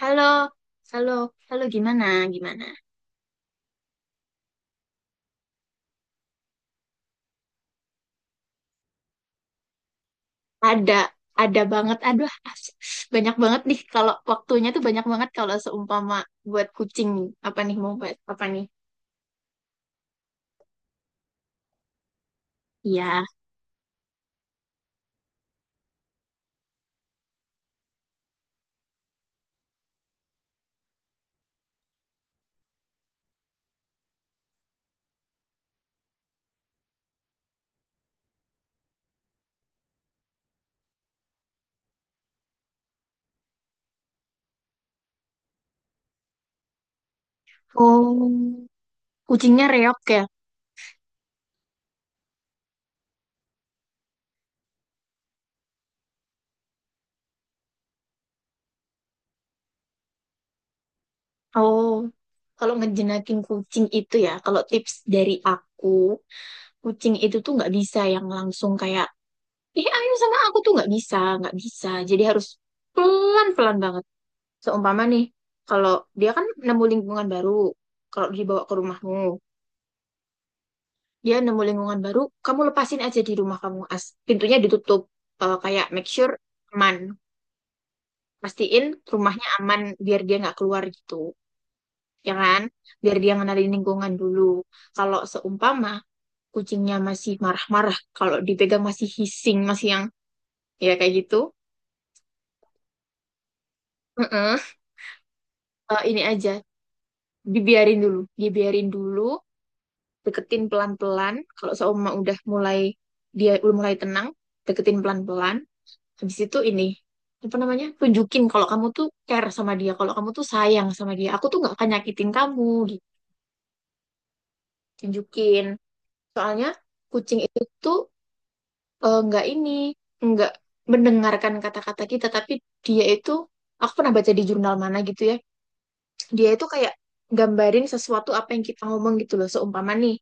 Halo, halo, halo gimana, gimana? Ada, ada banget. Aduh, banyak banget nih, kalau waktunya tuh banyak banget kalau seumpama buat kucing. Apa nih, mau buat apa nih? Iya. Oh, kucingnya reok ya. Oh, kalau ngejenakin kucing itu ya, kalau tips dari aku, kucing itu tuh nggak bisa yang langsung kayak, eh ayo sama aku tuh nggak bisa, nggak bisa. Jadi harus pelan-pelan banget. Seumpama nih, kalau dia kan nemu lingkungan baru, kalau dibawa ke rumahmu, dia nemu lingkungan baru, kamu lepasin aja di rumah kamu, pintunya ditutup. Eh, kayak make sure aman, pastiin rumahnya aman biar dia nggak keluar gitu, ya kan? Biar dia ngenalin lingkungan dulu. Kalau seumpama kucingnya masih marah-marah, kalau dipegang masih hissing, masih yang ya kayak gitu, eh, eh, ini aja dibiarin dulu, dibiarin dulu, deketin pelan-pelan. Kalau seumur udah mulai dia udah mulai tenang, deketin pelan-pelan. Habis itu ini apa namanya? Tunjukin kalau kamu tuh care sama dia, kalau kamu tuh sayang sama dia. Aku tuh nggak akan nyakitin kamu gitu. Tunjukin. Soalnya kucing itu nggak ini, nggak mendengarkan kata-kata kita, tapi dia itu aku pernah baca di jurnal mana gitu ya. Dia itu kayak gambarin sesuatu apa yang kita ngomong gitu loh. Seumpama nih,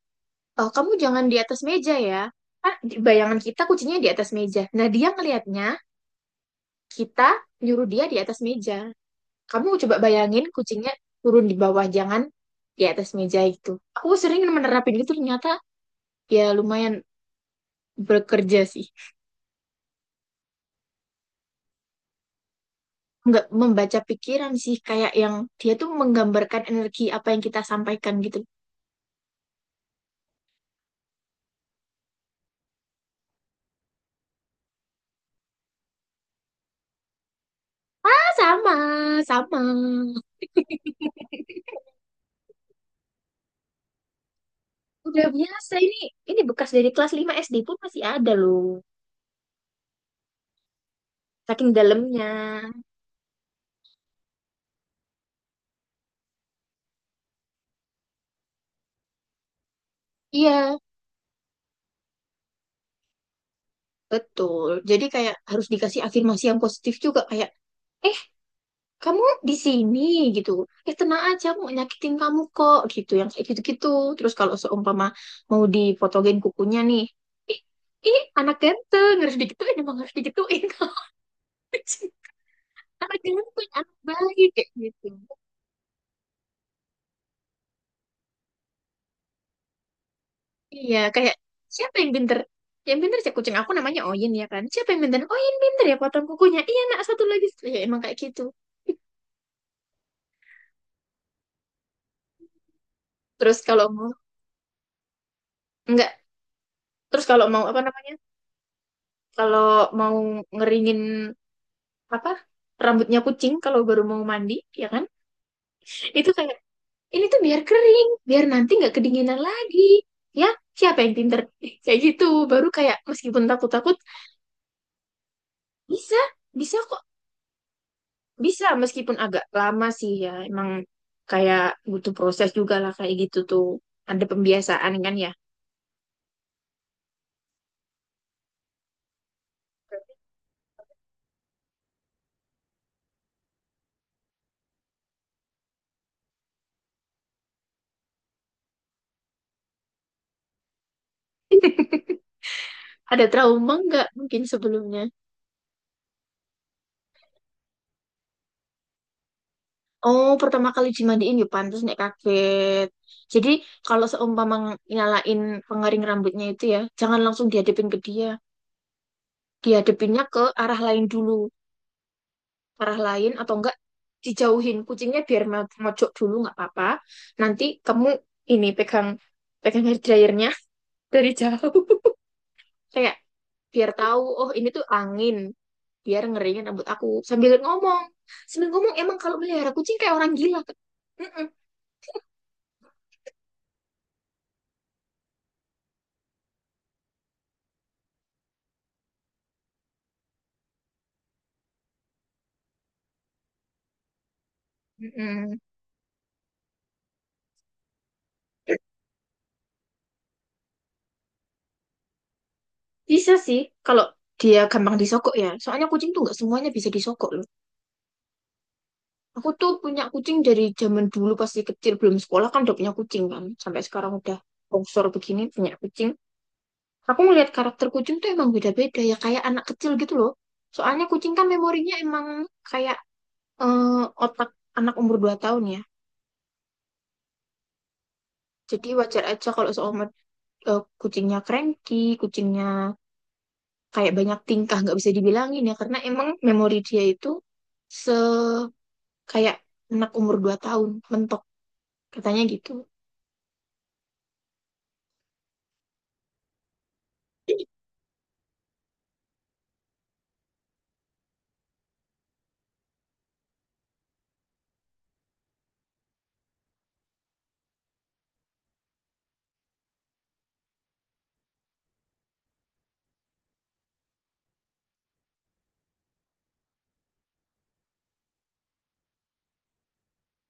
oh, kamu jangan di atas meja ya. Kan bayangan kita kucingnya di atas meja. Nah, dia ngelihatnya kita nyuruh dia di atas meja. Kamu coba bayangin kucingnya turun di bawah, jangan di atas meja itu. Aku sering menerapin itu, ternyata ya lumayan bekerja sih. Nggak membaca pikiran sih, kayak yang dia tuh menggambarkan energi apa yang kita sampaikan gitu. Ah, sama, sama. Udah biasa ini bekas dari kelas 5 SD pun masih ada loh. Saking dalamnya. Iya. Betul. Jadi kayak harus dikasih afirmasi yang positif juga kayak eh kamu di sini gitu. Tenang aja, aku nggak nyakitin kamu kok gitu, yang kayak gitu-gitu. Terus kalau seumpama mau dipotongin kukunya nih, ih ini anak ganteng, harus digituin, emang harus digituin kalau di sini. Anak ganteng, anak baik, kayak gitu. Iya kayak siapa yang pinter? Yang pinter sih kucing aku, namanya Oyin ya kan. Siapa yang pinter? Oyin pinter ya, potong kukunya. Iya nak, satu lagi. Ya emang kayak gitu. Terus kalau mau, enggak, terus kalau mau apa namanya? Kalau mau ngeringin apa rambutnya kucing kalau baru mau mandi, ya kan? Itu kayak ini tuh biar kering, biar nanti nggak kedinginan lagi. Ya, siapa yang pinter? Kayak gitu. Baru kayak meskipun takut-takut, bisa, bisa kok, bisa meskipun agak lama sih ya. Emang kayak butuh proses juga lah, kayak gitu tuh. Ada pembiasaan kan ya. Ada trauma nggak mungkin sebelumnya? Oh, pertama kali dimandiin, ya pantas nek kaget. Jadi kalau seumpama nyalain pengering rambutnya itu ya, jangan langsung dihadapin ke dia. Dihadapinnya ke arah lain dulu. Arah lain atau enggak dijauhin kucingnya biar mojok dulu, nggak apa-apa. Nanti kamu ini pegang, hair dryernya dari jauh. Kayak biar tahu, oh ini tuh angin, biar ngeringin rambut aku sambil ngomong. Sambil ngomong, emang kalau melihara kucing kayak orang gila. Kak?" Mm-mm. Mm-mm. Bisa sih, kalau dia gampang disogok ya. Soalnya kucing tuh nggak semuanya bisa disogok loh. Aku tuh punya kucing dari zaman dulu, pasti kecil belum sekolah kan udah punya kucing kan. Sampai sekarang udah bongsor begini, punya kucing. Aku ngelihat karakter kucing tuh emang beda-beda ya kayak anak kecil gitu loh. Soalnya kucing kan memorinya emang kayak eh, otak anak umur 2 tahun ya. Jadi wajar aja kalau seumpama kucingnya cranky, kucingnya kayak banyak tingkah, nggak bisa dibilangin ya, karena emang memori dia itu se kayak anak umur 2 tahun mentok, katanya gitu.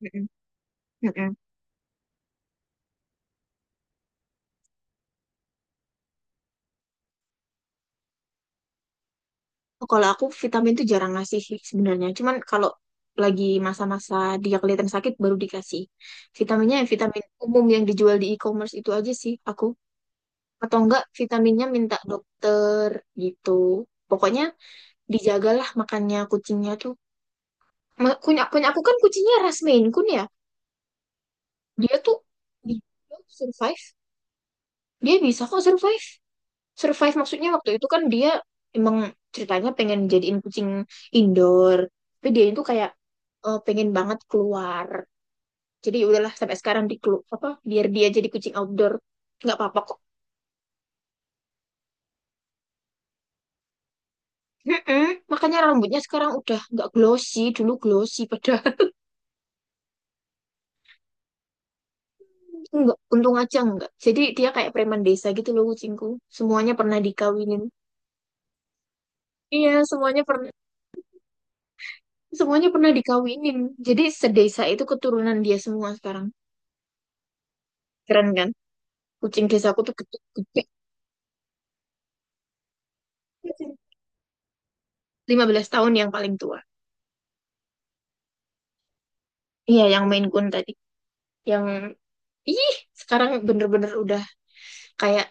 Mm-mm, mm-mm. Kalau aku vitamin tuh jarang ngasih sih sebenarnya, cuman kalau lagi masa-masa dia kelihatan sakit baru dikasih vitaminnya, yang vitamin umum yang dijual di e-commerce, itu aja sih aku, atau enggak vitaminnya minta dokter gitu. Pokoknya dijagalah makannya kucingnya tuh. Punya punya aku kan kucingnya ras Maine Coon ya, dia tuh dia survive, dia bisa kok survive. Survive maksudnya waktu itu kan dia emang ceritanya pengen jadiin kucing indoor, tapi dia itu kayak pengen banget keluar, jadi ya udahlah sampai sekarang di apa biar dia jadi kucing outdoor, nggak apa-apa kok. Mm-mm. Makanya rambutnya sekarang udah nggak glossy, dulu glossy padahal. Nggak, untung aja nggak jadi dia kayak preman desa gitu loh kucingku, semuanya pernah dikawinin. Iya, semuanya pernah, semuanya pernah dikawinin, jadi sedesa itu keturunan dia semua sekarang. Keren kan? Kucing desaku tuh gede, gede. Belas tahun yang paling tua. Iya, yang Maine Coon tadi. Yang, ih, sekarang bener-bener udah kayak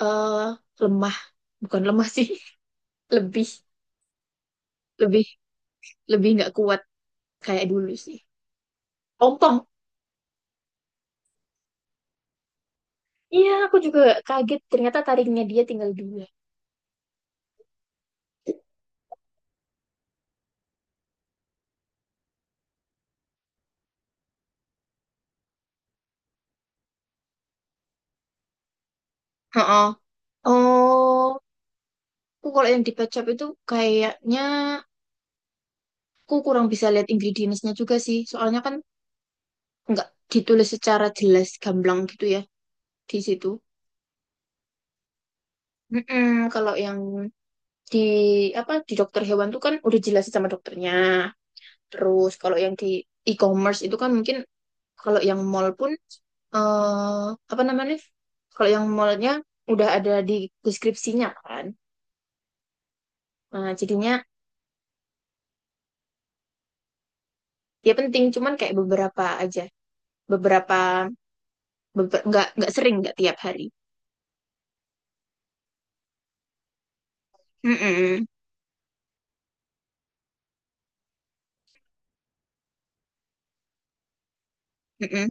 eh lemah. Bukan lemah sih. Lebih, lebih, lebih nggak kuat kayak dulu sih. Ompong. Iya, aku juga kaget. Ternyata taringnya dia tinggal dua. Heeh. Oh, aku kalau yang di pet shop itu kayaknya aku kurang bisa lihat ingredients-nya juga sih. Soalnya kan nggak ditulis secara jelas gamblang gitu ya di situ. Mm-mm, kalau yang di, apa, di dokter hewan tuh kan udah jelasin sama dokternya. Terus kalau yang di e-commerce itu kan mungkin, kalau yang mall pun eh apa namanya? Kalau yang mallnya udah ada di deskripsinya kan. Nah, jadinya ya penting, cuman kayak beberapa aja. Beberapa, nggak, sering, nggak tiap hari. Mm-mm, mm-mm.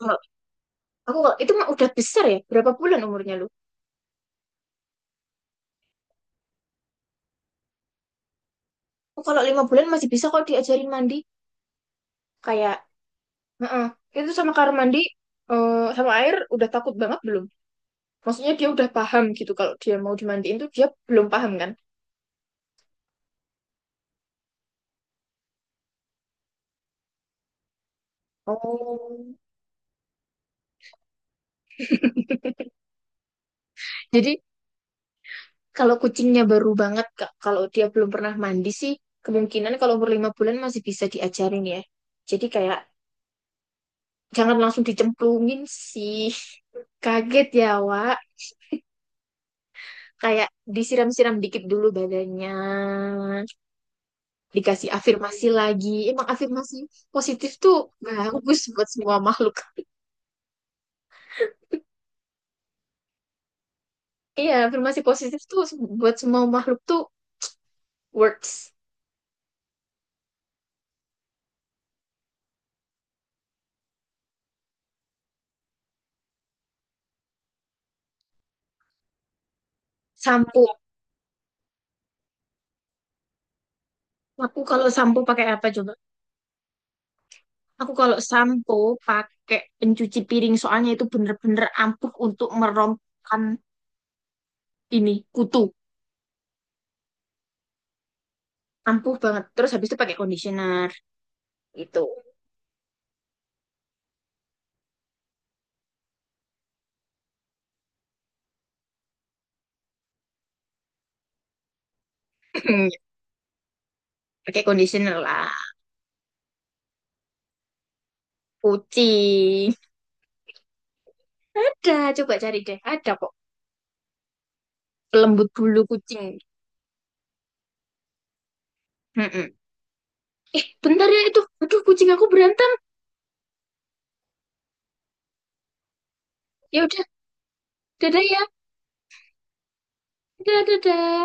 Kalau aku kalau itu mah udah besar ya. Berapa bulan umurnya lu? Oh, kalau 5 bulan masih bisa kok diajarin mandi. Kayak, heeh. Itu sama kamar mandi sama air udah takut banget belum? Maksudnya dia udah paham gitu, kalau dia mau dimandiin tuh dia belum paham kan? Oh. Jadi kalau kucingnya baru banget Kak, kalau dia belum pernah mandi sih, kemungkinan kalau umur 5 bulan masih bisa diajarin ya. Jadi kayak jangan langsung dicemplungin sih. Kaget ya, Wak. Kayak disiram-siram dikit dulu badannya. Dikasih afirmasi lagi. Emang afirmasi positif tuh bagus buat semua makhluk. Iya, afirmasi positif tuh buat semua makhluk tuh works. Sampo. Aku kalau sampo pakai apa coba? Aku kalau sampo pakai pencuci piring, soalnya itu bener-bener ampuh untuk merompkan ini, kutu. Ampuh banget. Terus habis itu pakai conditioner gitu. Pakai conditioner lah. Kucing. Ada, coba cari deh. Ada kok. Pelembut bulu kucing. Mm-mm. Eh bentar ya, itu aduh kucing aku berantem. Ya udah, dadah ya, dadah, dadah.